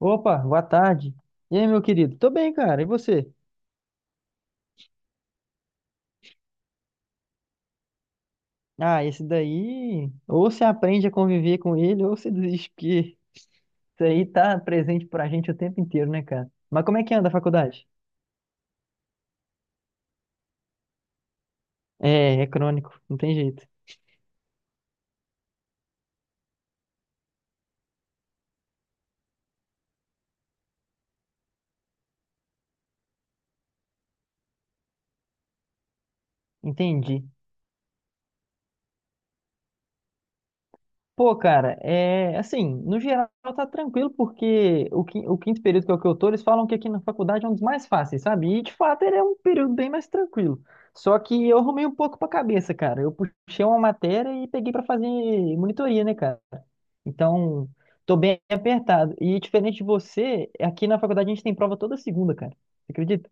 Opa, boa tarde. E aí, meu querido? Tô bem, cara. E você? Ah, esse daí, ou se aprende a conviver com ele, ou se desiste, porque isso aí tá presente pra gente o tempo inteiro, né, cara? Mas como é que anda a faculdade? É, é crônico, não tem jeito. Entendi. Pô, cara, é assim, no geral tá tranquilo, porque o quinto período que é o que eu tô, eles falam que aqui na faculdade é um dos mais fáceis, sabe? E de fato ele é um período bem mais tranquilo. Só que eu arrumei um pouco pra cabeça, cara. Eu puxei uma matéria e peguei pra fazer monitoria, né, cara? Então, tô bem apertado. E diferente de você, aqui na faculdade a gente tem prova toda segunda, cara. Você acredita?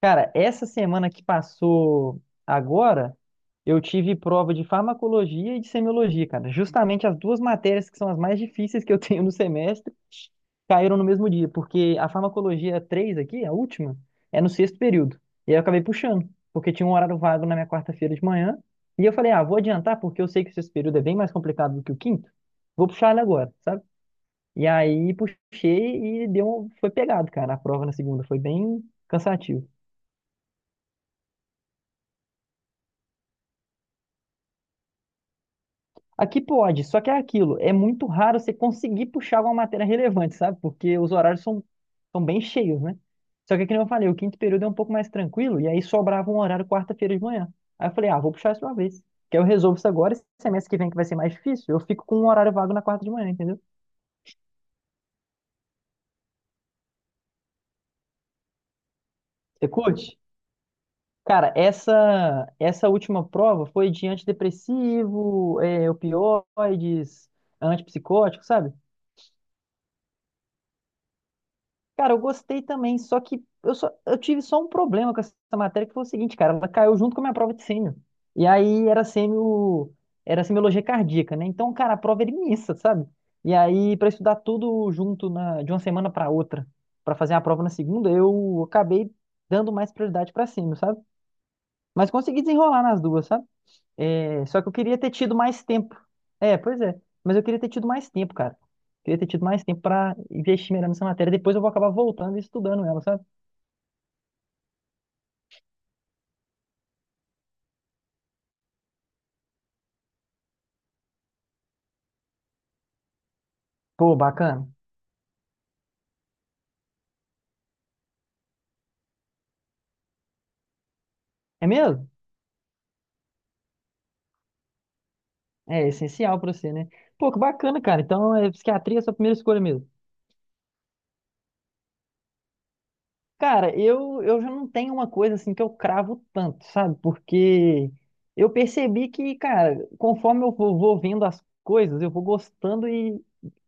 Cara, essa semana que passou agora, eu tive prova de farmacologia e de semiologia, cara. Justamente as duas matérias que são as mais difíceis que eu tenho no semestre caíram no mesmo dia, porque a farmacologia 3 aqui, a última, é no sexto período. E aí eu acabei puxando, porque tinha um horário vago na minha quarta-feira de manhã. E eu falei, ah, vou adiantar, porque eu sei que o sexto período é bem mais complicado do que o quinto. Vou puxar ele agora, sabe? E aí puxei e deu, foi pegado, cara, a prova na segunda. Foi bem cansativo. Aqui pode, só que é aquilo, é muito raro você conseguir puxar alguma matéria relevante, sabe? Porque os horários são bem cheios, né? Só que, como eu falei, o quinto período é um pouco mais tranquilo, e aí sobrava um horário quarta-feira de manhã. Aí eu falei, ah, vou puxar isso uma vez, que aí eu resolvo isso agora, e semestre que vem que vai ser mais difícil, eu fico com um horário vago na quarta de manhã, entendeu? Você curte? Cara, essa última prova foi de antidepressivo, é, opioides, antipsicótico, sabe? Cara, eu gostei também, só que eu tive só um problema com essa matéria, que foi o seguinte, cara, ela caiu junto com a minha prova de sêmio. E aí era sêmio, era semiologia cardíaca, né? Então, cara, a prova era imensa, sabe? E aí, para estudar tudo junto de uma semana para outra, para fazer a prova na segunda, eu acabei dando mais prioridade para sêmio, sabe? Mas consegui desenrolar nas duas, sabe? É, só que eu queria ter tido mais tempo. É, pois é. Mas eu queria ter tido mais tempo, cara. Queria ter tido mais tempo pra investir melhor nessa matéria. Depois eu vou acabar voltando e estudando ela, sabe? Pô, bacana. É mesmo? É essencial pra você, né? Pô, que bacana, cara. Então, psiquiatria é a sua primeira escolha mesmo. Cara, eu já não tenho uma coisa assim que eu cravo tanto, sabe? Porque eu percebi que, cara, conforme eu vou vendo as coisas, eu vou gostando e,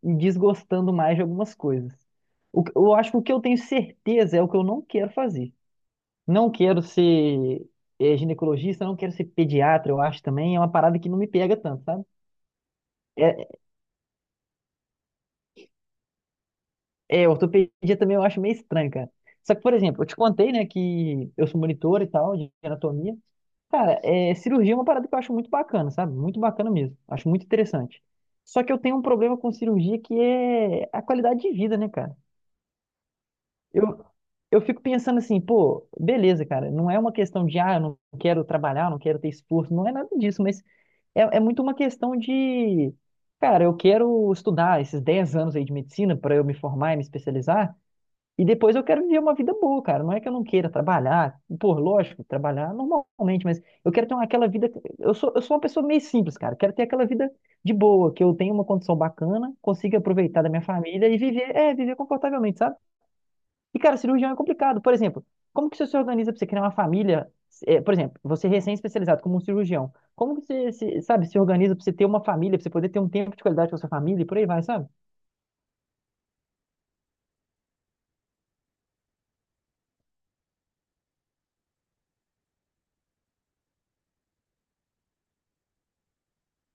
e desgostando mais de algumas coisas. Eu acho que o que eu tenho certeza é o que eu não quero fazer. Não quero ser ginecologista, não quero ser pediatra, eu acho também. É uma parada que não me pega tanto, sabe? É, é, ortopedia também eu acho meio estranho, cara. Só que, por exemplo, eu te contei, né, que eu sou monitor e tal, de anatomia. Cara, é, cirurgia é uma parada que eu acho muito bacana, sabe? Muito bacana mesmo. Acho muito interessante. Só que eu tenho um problema com cirurgia que é a qualidade de vida, né, cara? Eu, eu fico pensando assim, pô, beleza, cara. Não é uma questão de, ah, eu não quero trabalhar, eu não quero ter esforço. Não é nada disso, mas é muito uma questão de, cara, eu quero estudar esses 10 anos aí de medicina para eu me formar e me especializar. E depois eu quero viver uma vida boa, cara. Não é que eu não queira trabalhar, pô, lógico, trabalhar normalmente, mas eu quero ter uma- aquela vida. Eu sou uma pessoa meio simples, cara. Eu quero ter aquela vida de boa, que eu tenha uma condição bacana, consiga aproveitar da minha família e viver, é, viver confortavelmente, sabe? E, cara, cirurgião é complicado. Por exemplo, como que você se organiza pra você criar uma família? É, por exemplo, você é recém-especializado como um cirurgião, como que você, se, sabe, se organiza pra você ter uma família, pra você poder ter um tempo de qualidade com a sua família e por aí vai, sabe?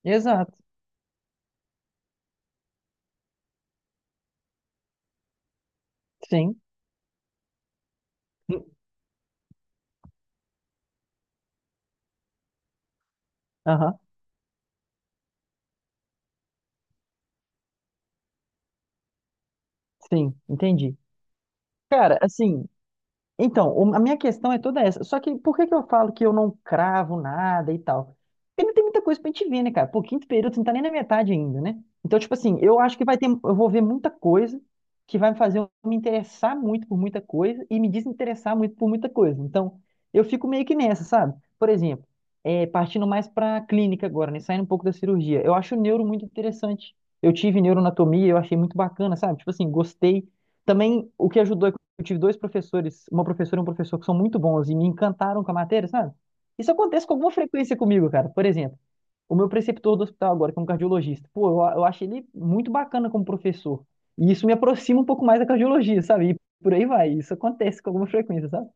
Exato, sim. Aham, sim, entendi. Cara, assim, então, a minha questão é toda essa. Só que por que que eu falo que eu não cravo nada e tal? Porque não tem muita coisa pra gente ver, né, cara? Pô, quinto período, você não tá nem na metade ainda, né? Então, tipo assim, eu acho que vai ter, eu vou ver muita coisa que vai me fazer eu me interessar muito por muita coisa e me desinteressar muito por muita coisa. Então, eu fico meio que nessa, sabe? Por exemplo, é, partindo mais pra clínica agora, né? Saindo um pouco da cirurgia. Eu acho o neuro muito interessante. Eu tive neuroanatomia, eu achei muito bacana, sabe? Tipo assim, gostei. Também o que ajudou eu tive dois professores, uma professora e um professor que são muito bons e me encantaram com a matéria, sabe? Isso acontece com alguma frequência comigo, cara. Por exemplo, o meu preceptor do hospital agora, que é um cardiologista, pô, eu acho ele muito bacana como professor. E isso me aproxima um pouco mais da cardiologia, sabe? E por aí vai. Isso acontece com alguma frequência, sabe?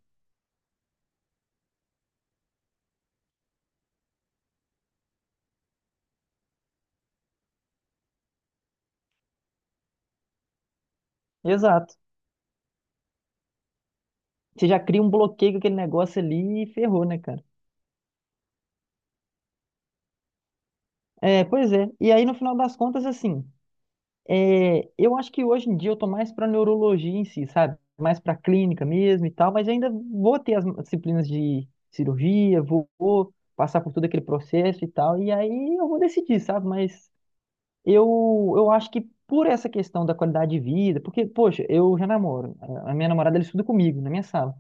Exato. Você já cria um bloqueio com aquele negócio ali e ferrou, né, cara? É, pois é. E aí, no final das contas, assim. É, eu acho que hoje em dia eu tô mais para neurologia em si, sabe? Mais para clínica mesmo e tal, mas ainda vou ter as disciplinas de cirurgia, vou passar por todo aquele processo e tal, e aí eu vou decidir, sabe? Mas eu acho que por essa questão da qualidade de vida, porque, poxa, eu já namoro, a minha namorada ela estuda comigo na minha sala.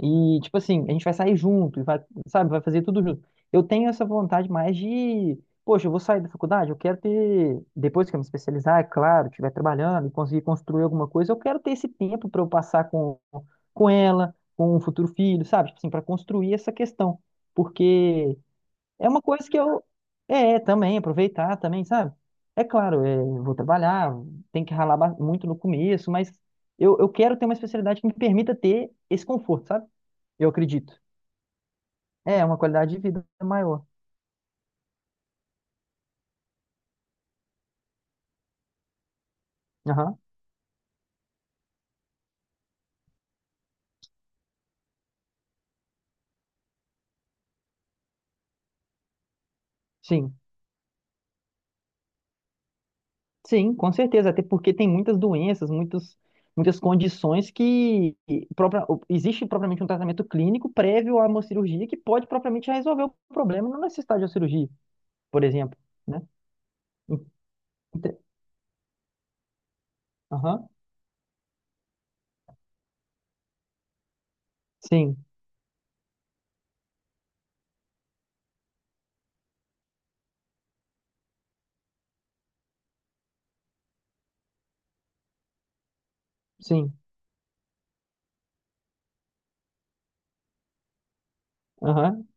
E, tipo assim, a gente vai sair junto, e vai, sabe, vai fazer tudo junto. Eu tenho essa vontade mais de, poxa, eu vou sair da faculdade, eu quero ter, depois que eu me especializar, é claro, estiver trabalhando e conseguir construir alguma coisa, eu quero ter esse tempo para eu passar com ela, com o futuro filho, sabe? Tipo assim, para construir essa questão. Porque é uma coisa que eu. É, também, aproveitar também, sabe? É claro, é, eu vou trabalhar, tem que ralar muito no começo, mas eu quero ter uma especialidade que me permita ter esse conforto, sabe? Eu acredito. É, uma qualidade de vida maior. Aham, sim. Sim, com certeza. Até porque tem muitas doenças, muitas, muitas condições que própria, existe propriamente um tratamento clínico prévio a uma cirurgia que pode propriamente resolver o problema, não necessitar de uma cirurgia, por exemplo, né? Ente- Aham. Sim. Sim. Aham.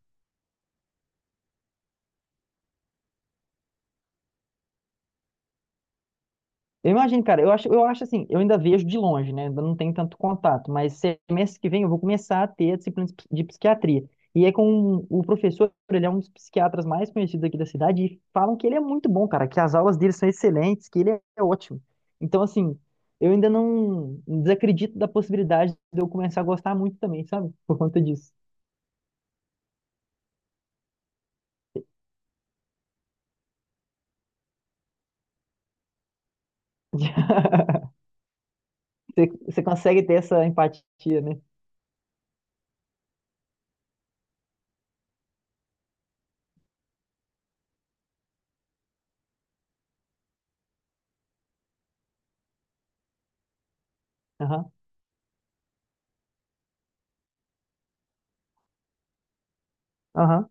Eu imagino, cara, eu acho assim, eu ainda vejo de longe, né? Ainda não tenho tanto contato, mas semestre que vem eu vou começar a ter a disciplina de psiquiatria. E é com o professor, ele é um dos psiquiatras mais conhecidos aqui da cidade, e falam que ele é muito bom, cara, que as aulas dele são excelentes, que ele é ótimo. Então, assim, eu ainda não desacredito da possibilidade de eu começar a gostar muito também, sabe? Por conta disso. Você consegue ter essa empatia, né? Aham. Aham.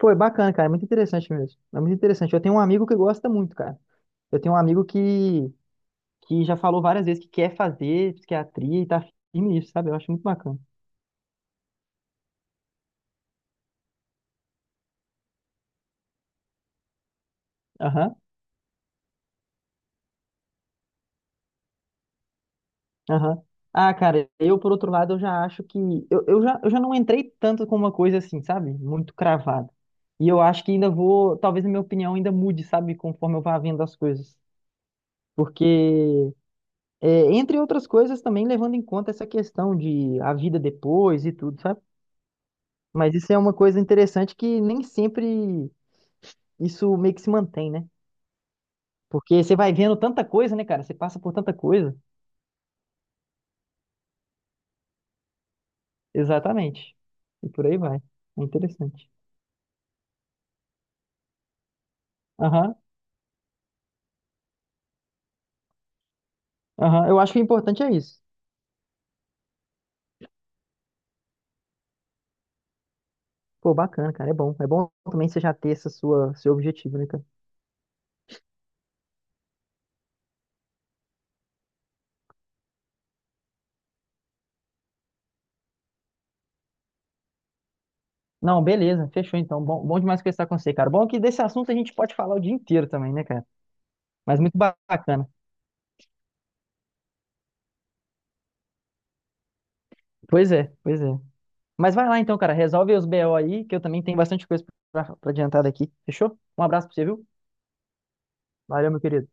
Foi bacana, cara. É muito interessante mesmo. É muito interessante. Eu tenho um amigo que gosta muito, cara. Eu tenho um amigo que já falou várias vezes que quer fazer psiquiatria e tá firme nisso, sabe? Eu acho muito bacana. Aham, aham. Ah, cara, eu, por outro lado, eu já acho que. Eu já não entrei tanto com uma coisa assim, sabe? Muito cravada. E eu acho que ainda vou. Talvez a minha opinião ainda mude, sabe? Conforme eu vá vendo as coisas. Porque, entre outras coisas, também levando em conta essa questão de a vida depois e tudo, sabe? Mas isso é uma coisa interessante que nem sempre isso meio que se mantém, né? Porque você vai vendo tanta coisa, né, cara? Você passa por tanta coisa. Exatamente. E por aí vai. É interessante. Aham, aham. Eu acho que o importante é isso. Pô, bacana, cara. É bom. É bom também você já ter seu objetivo, né, cara? Não, beleza. Fechou, então. Bom, bom demais conversar com você, cara. Bom que desse assunto a gente pode falar o dia inteiro também, né, cara? Mas muito bacana. Pois é, pois é. Mas vai lá então, cara, resolve os BO aí, que eu também tenho bastante coisa pra adiantar daqui. Fechou? Um abraço pra você, viu? Valeu, meu querido.